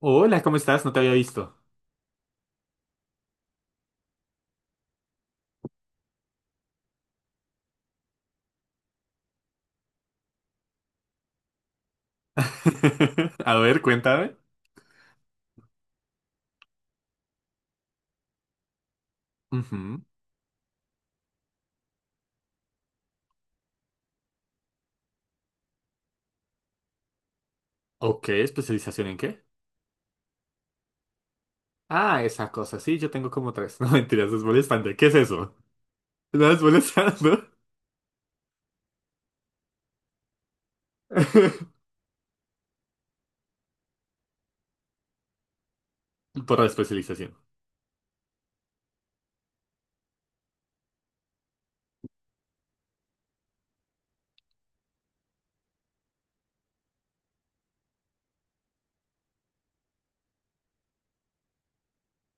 Hola, ¿cómo estás? No te había visto. A ver, cuéntame. Ujú. Ok, ¿especialización en qué? Ah, esa cosa, sí, yo tengo como tres. No, mentiras, es molestante. ¿Qué es eso? ¿No es molestando? Por la especialización.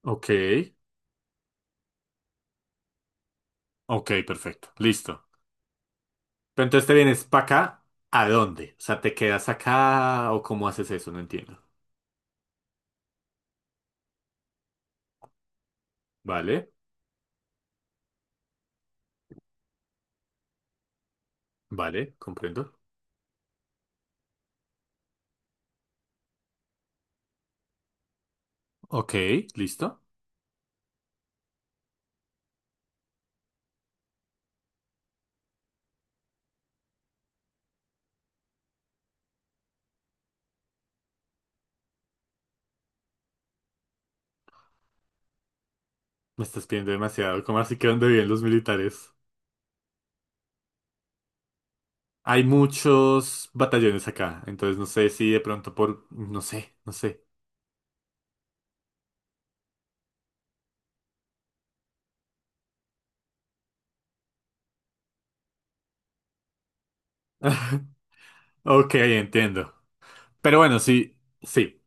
Ok, ok, perfecto, listo. Pero entonces te vienes para acá, ¿a dónde? O sea, ¿te quedas acá o cómo haces eso? No entiendo. Vale, vale, comprendo. Ok, listo. Me estás pidiendo demasiado, ¿cómo así que dónde viven los militares? Hay muchos batallones acá, entonces no sé si de pronto por. No sé, no sé. Ok, entiendo. Pero bueno, sí, sí.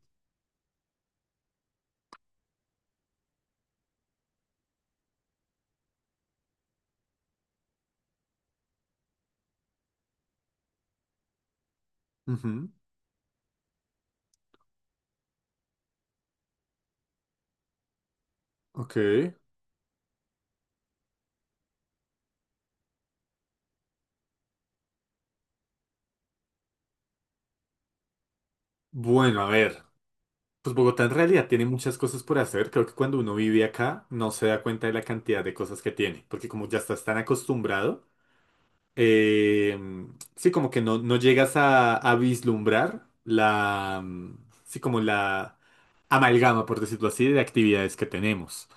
Ujú. Ok. Bueno, a ver. Pues Bogotá en realidad tiene muchas cosas por hacer. Creo que cuando uno vive acá no se da cuenta de la cantidad de cosas que tiene, porque como ya estás tan acostumbrado, eh, sí, como que no llegas a vislumbrar la sí, como la amalgama, por decirlo así, de actividades que tenemos.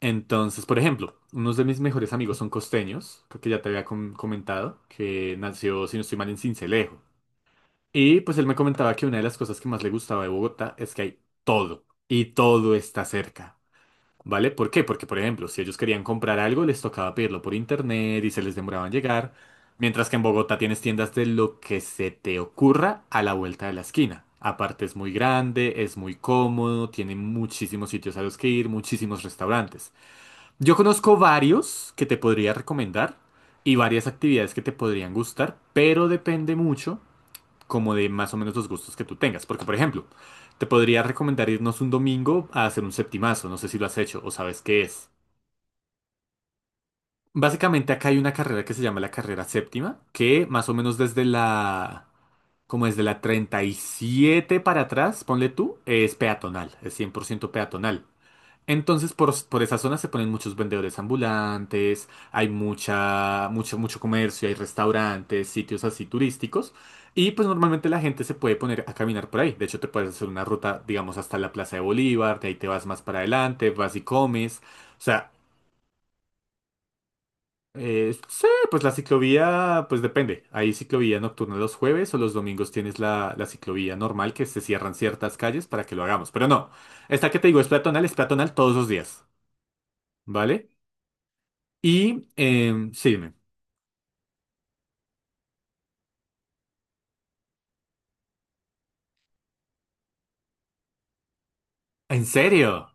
Entonces, por ejemplo, unos de mis mejores amigos son costeños, creo que ya te había comentado, que nació, si no estoy mal, en Sincelejo. Y pues él me comentaba que una de las cosas que más le gustaba de Bogotá es que hay todo, y todo está cerca, ¿vale? ¿Por qué? Porque, por ejemplo, si ellos querían comprar algo, les tocaba pedirlo por internet y se les demoraba en llegar, mientras que en Bogotá tienes tiendas de lo que se te ocurra a la vuelta de la esquina. Aparte es muy grande, es muy cómodo, tiene muchísimos sitios a los que ir, muchísimos restaurantes. Yo conozco varios que te podría recomendar y varias actividades que te podrían gustar, pero depende mucho como de más o menos los gustos que tú tengas. Porque, por ejemplo, te podría recomendar irnos un domingo a hacer un septimazo, no sé si lo has hecho o sabes qué es. Básicamente acá hay una carrera que se llama la carrera séptima, que más o menos desde la, como desde la 37 para atrás, ponle tú, es peatonal, es 100% peatonal. Entonces, por esa zona se ponen muchos vendedores ambulantes, hay mucho comercio, hay restaurantes, sitios así turísticos. Y pues normalmente la gente se puede poner a caminar por ahí. De hecho, te puedes hacer una ruta, digamos, hasta la Plaza de Bolívar, de ahí te vas más para adelante, vas y comes. O sea, sí, pues la ciclovía, pues depende. Hay ciclovía nocturna los jueves o los domingos tienes la ciclovía normal que se cierran ciertas calles para que lo hagamos. Pero no, esta que te digo es peatonal todos los días. ¿Vale? Y sí, dime. ¿En serio?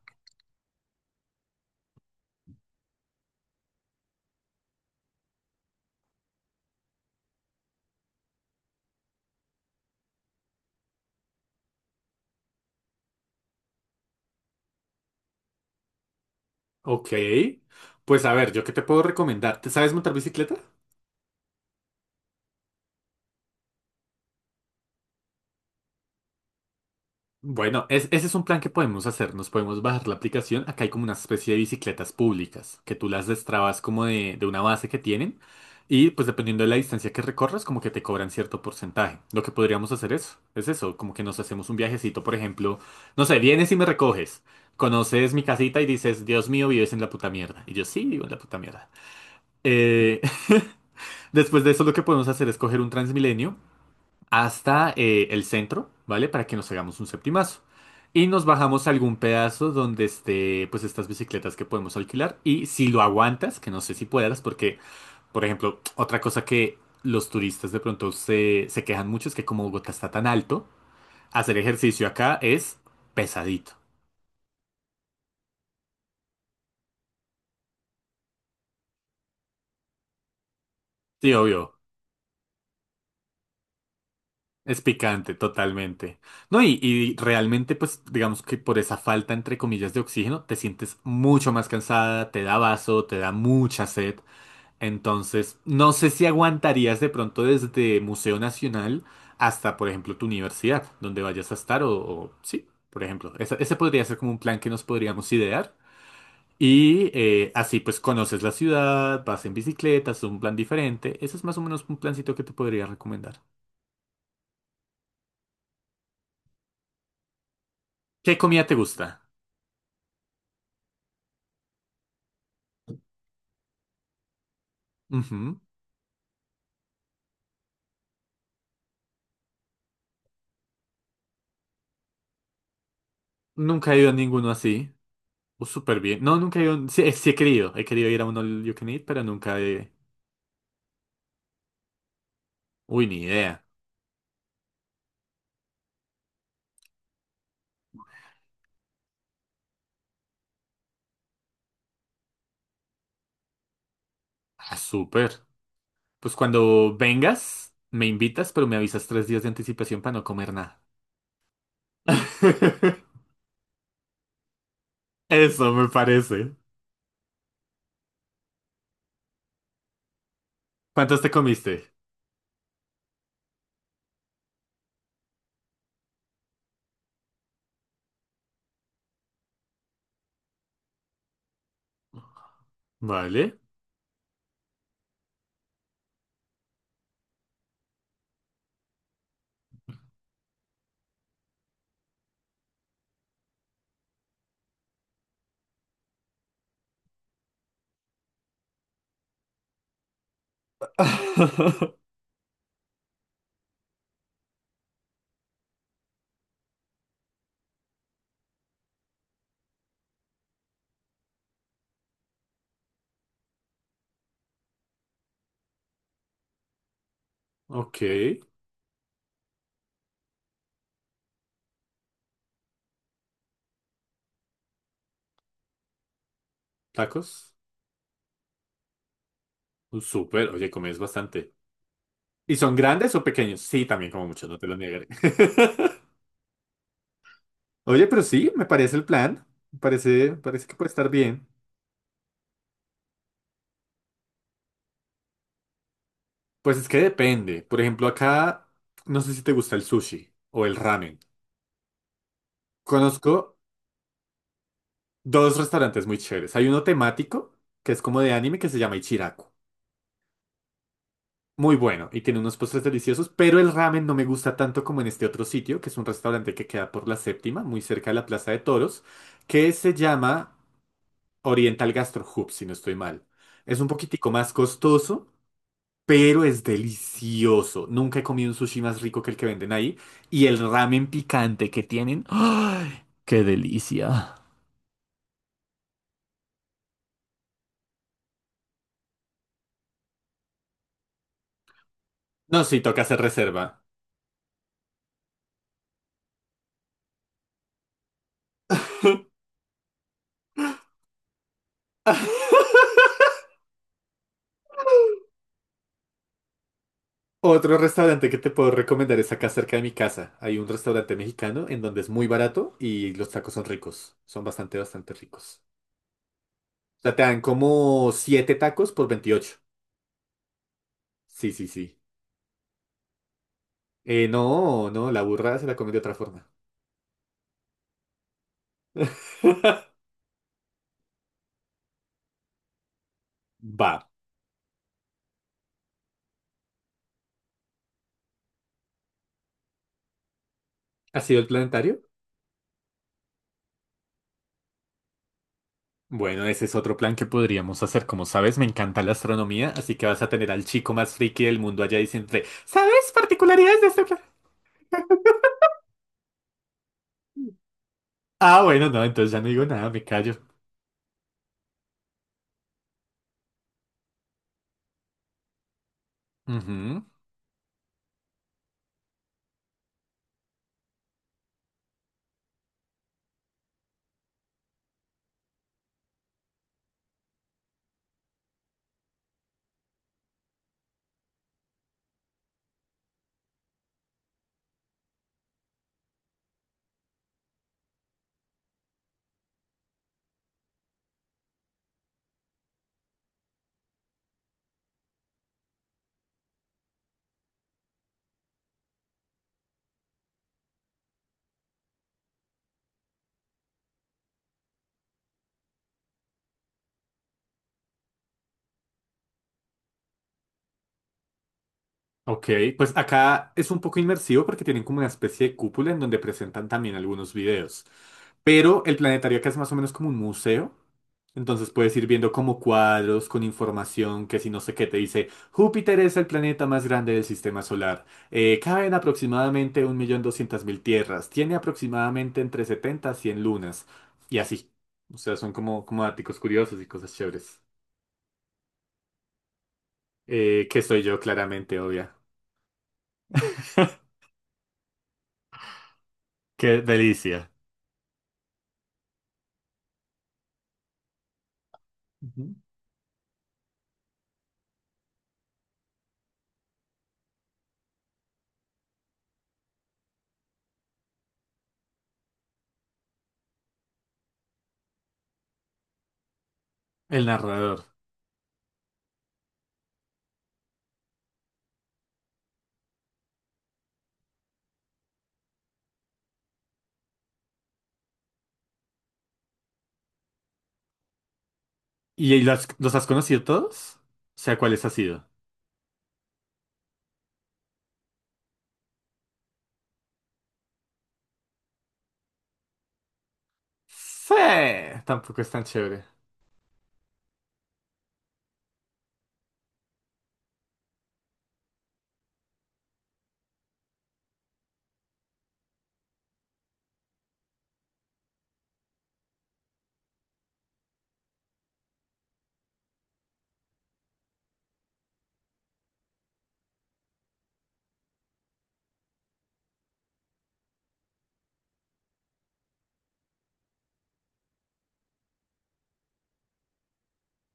Ok. Pues a ver, ¿yo qué te puedo recomendar? ¿Te sabes montar bicicleta? Bueno, ese es un plan que podemos hacer. Nos podemos bajar la aplicación. Acá hay como una especie de bicicletas públicas que tú las destrabas como de una base que tienen. Y pues dependiendo de la distancia que recorras, como que te cobran cierto porcentaje. Lo que podríamos hacer es eso, como que nos hacemos un viajecito, por ejemplo. No sé, vienes y me recoges. Conoces mi casita y dices, Dios mío, vives en la puta mierda. Y yo sí, vivo en la puta mierda. Eh, Después de eso, lo que podemos hacer es coger un Transmilenio hasta el centro, ¿vale? Para que nos hagamos un septimazo. Y nos bajamos a algún pedazo donde esté, pues, estas bicicletas que podemos alquilar. Y si lo aguantas, que no sé si puedas, porque, por ejemplo, otra cosa que los turistas de pronto se quejan mucho es que como Bogotá está tan alto, hacer ejercicio acá es pesadito. Sí, obvio. Es picante, totalmente. No, y realmente, pues, digamos que por esa falta, entre comillas, de oxígeno, te sientes mucho más cansada, te da vaso, te da mucha sed. Entonces, no sé si aguantarías de pronto desde Museo Nacional hasta, por ejemplo, tu universidad, donde vayas a estar, sí, por ejemplo. Ese podría ser como un plan que nos podríamos idear. Y así, pues, conoces la ciudad, vas en bicicleta, es un plan diferente. Ese es más o menos un plancito que te podría recomendar. ¿Qué comida te gusta? Ujú. Nunca he ido a ninguno así. Súper bien. No, nunca he ido. Sí, sí he querido. He querido ir a uno al You Can Eat, pero nunca he. Uy, ni idea. Ah, súper. Pues cuando vengas, me invitas, pero me avisas 3 días de anticipación para no comer nada. Eso me parece. ¿Cuántos te comiste? Vale. Ok. Tacos. Súper. Oye, comes bastante. ¿Y son grandes o pequeños? Sí, también como mucho, no te lo negaré. Oye, pero sí, me parece el plan. Me parece que puede estar bien. Pues es que depende. Por ejemplo, acá no sé si te gusta el sushi o el ramen. Conozco dos restaurantes muy chéveres. Hay uno temático, que es como de anime, que se llama Ichiraku. Muy bueno y tiene unos postres deliciosos, pero el ramen no me gusta tanto como en este otro sitio, que es un restaurante que queda por la séptima, muy cerca de la Plaza de Toros, que se llama Oriental Gastro Hub, si no estoy mal. Es un poquitico más costoso, pero es delicioso. Nunca he comido un sushi más rico que el que venden ahí. Y el ramen picante que tienen. ¡Ay! ¡Qué delicia! No, sí, toca hacer reserva. Otro restaurante que te puedo recomendar es acá cerca de mi casa. Hay un restaurante mexicano en donde es muy barato y los tacos son ricos. Son bastante, bastante ricos. O sea, te dan como 7 tacos por 28. Sí, sí, sí. No, no, la burra se la comen de otra forma. Va. ¿Ha sido el planetario? Bueno, ese es otro plan que podríamos hacer. Como sabes, me encanta la astronomía, así que vas a tener al chico más friki del mundo allá diciéndote, ¿sabes particularidades de este plan? Ah, bueno, no, entonces ya no digo nada, me callo. Ujú. Ok, pues acá es un poco inmersivo porque tienen como una especie de cúpula en donde presentan también algunos videos. Pero el planetario acá es más o menos como un museo. Entonces puedes ir viendo como cuadros con información que si no sé qué te dice, Júpiter es el planeta más grande del sistema solar. Caben aproximadamente 1.200.000 tierras. Tiene aproximadamente entre 70 a 100 lunas. Y así. O sea, son como, como daticos curiosos y cosas chéveres. Que soy yo claramente, obvia. Qué delicia. Ujú. El narrador. ¿Y los has conocido todos? O sea, ¿cuáles has sido? Sí, tampoco es tan chévere.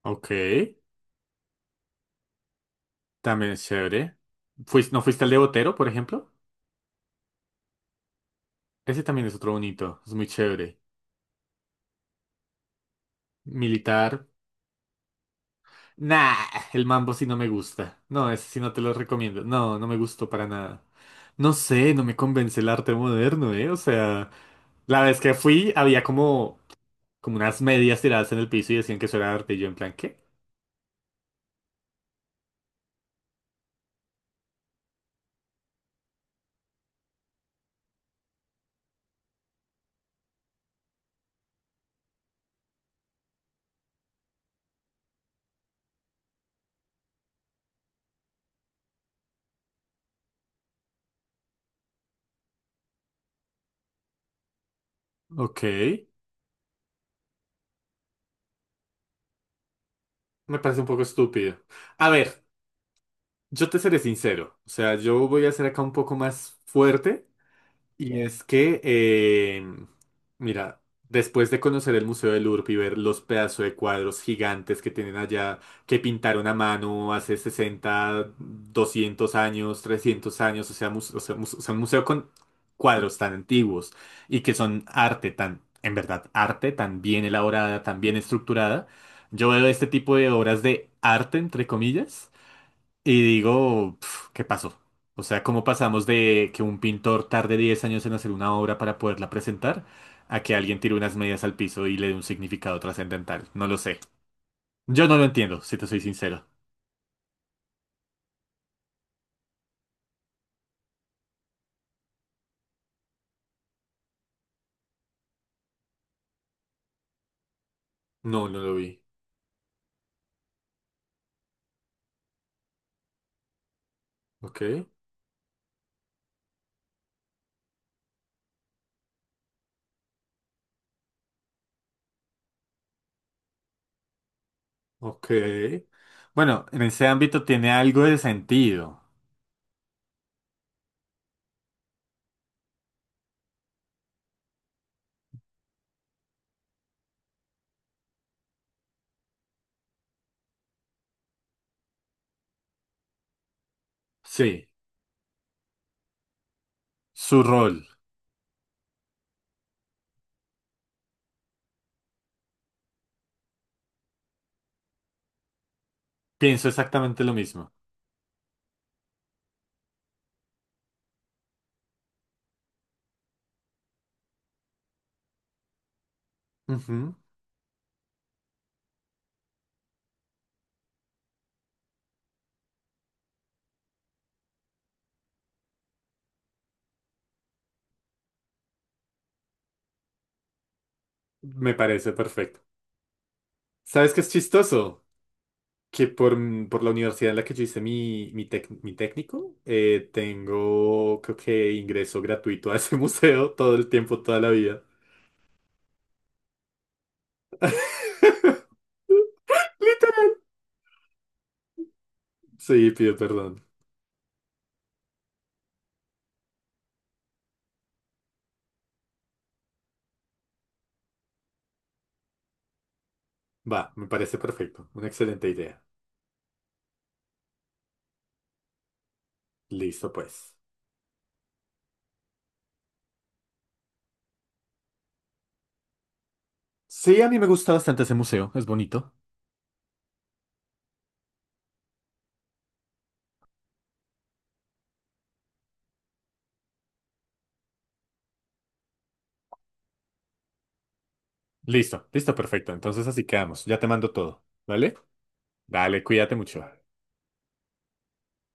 Ok, también es chévere. ¿No fuiste al de Botero, por ejemplo? Ese también es otro bonito, es muy chévere. Militar. Nah, el mambo sí no me gusta. No, ese sí no te lo recomiendo. No, no me gustó para nada. No sé, no me convence el arte moderno, ¿eh? O sea, la vez que fui había como, como unas medias tiradas en el piso y decían que eso era arte. Y yo en plan, ¿qué? Ok, me parece un poco estúpido. A ver. Yo te seré sincero, o sea, yo voy a ser acá un poco más fuerte y es que, mira, después de conocer el Museo del Louvre y ver los pedazos de cuadros gigantes que tienen allá, que pintaron a mano hace 60, 200 años, 300 años, o sea, o sea, o sea, un museo con cuadros tan antiguos y que son arte tan, en verdad, arte tan bien elaborada, tan bien estructurada, yo veo este tipo de obras de arte, entre comillas. Y digo, pf, ¿qué pasó? O sea, ¿cómo pasamos de que un pintor tarde 10 años en hacer una obra para poderla presentar a que alguien tire unas medias al piso y le dé un significado trascendental? No lo sé. Yo no lo entiendo, si te soy sincero. No, no lo vi. Ok, ok. Bueno, en ese ámbito tiene algo de sentido. Sí. Su rol. Pienso exactamente lo mismo. Ujú. Me parece perfecto. ¿Sabes qué es chistoso? Que por, por la universidad en la que yo hice mi, mi técnico, tengo, creo que ingreso gratuito a ese museo todo el tiempo, toda la vida. Sí, pido perdón. Va, me parece perfecto. Una excelente idea. Listo, pues. Sí, a mí me gusta bastante ese museo. Es bonito. Listo, listo, perfecto. Entonces así quedamos. Ya te mando todo. ¿Vale? Dale, cuídate mucho.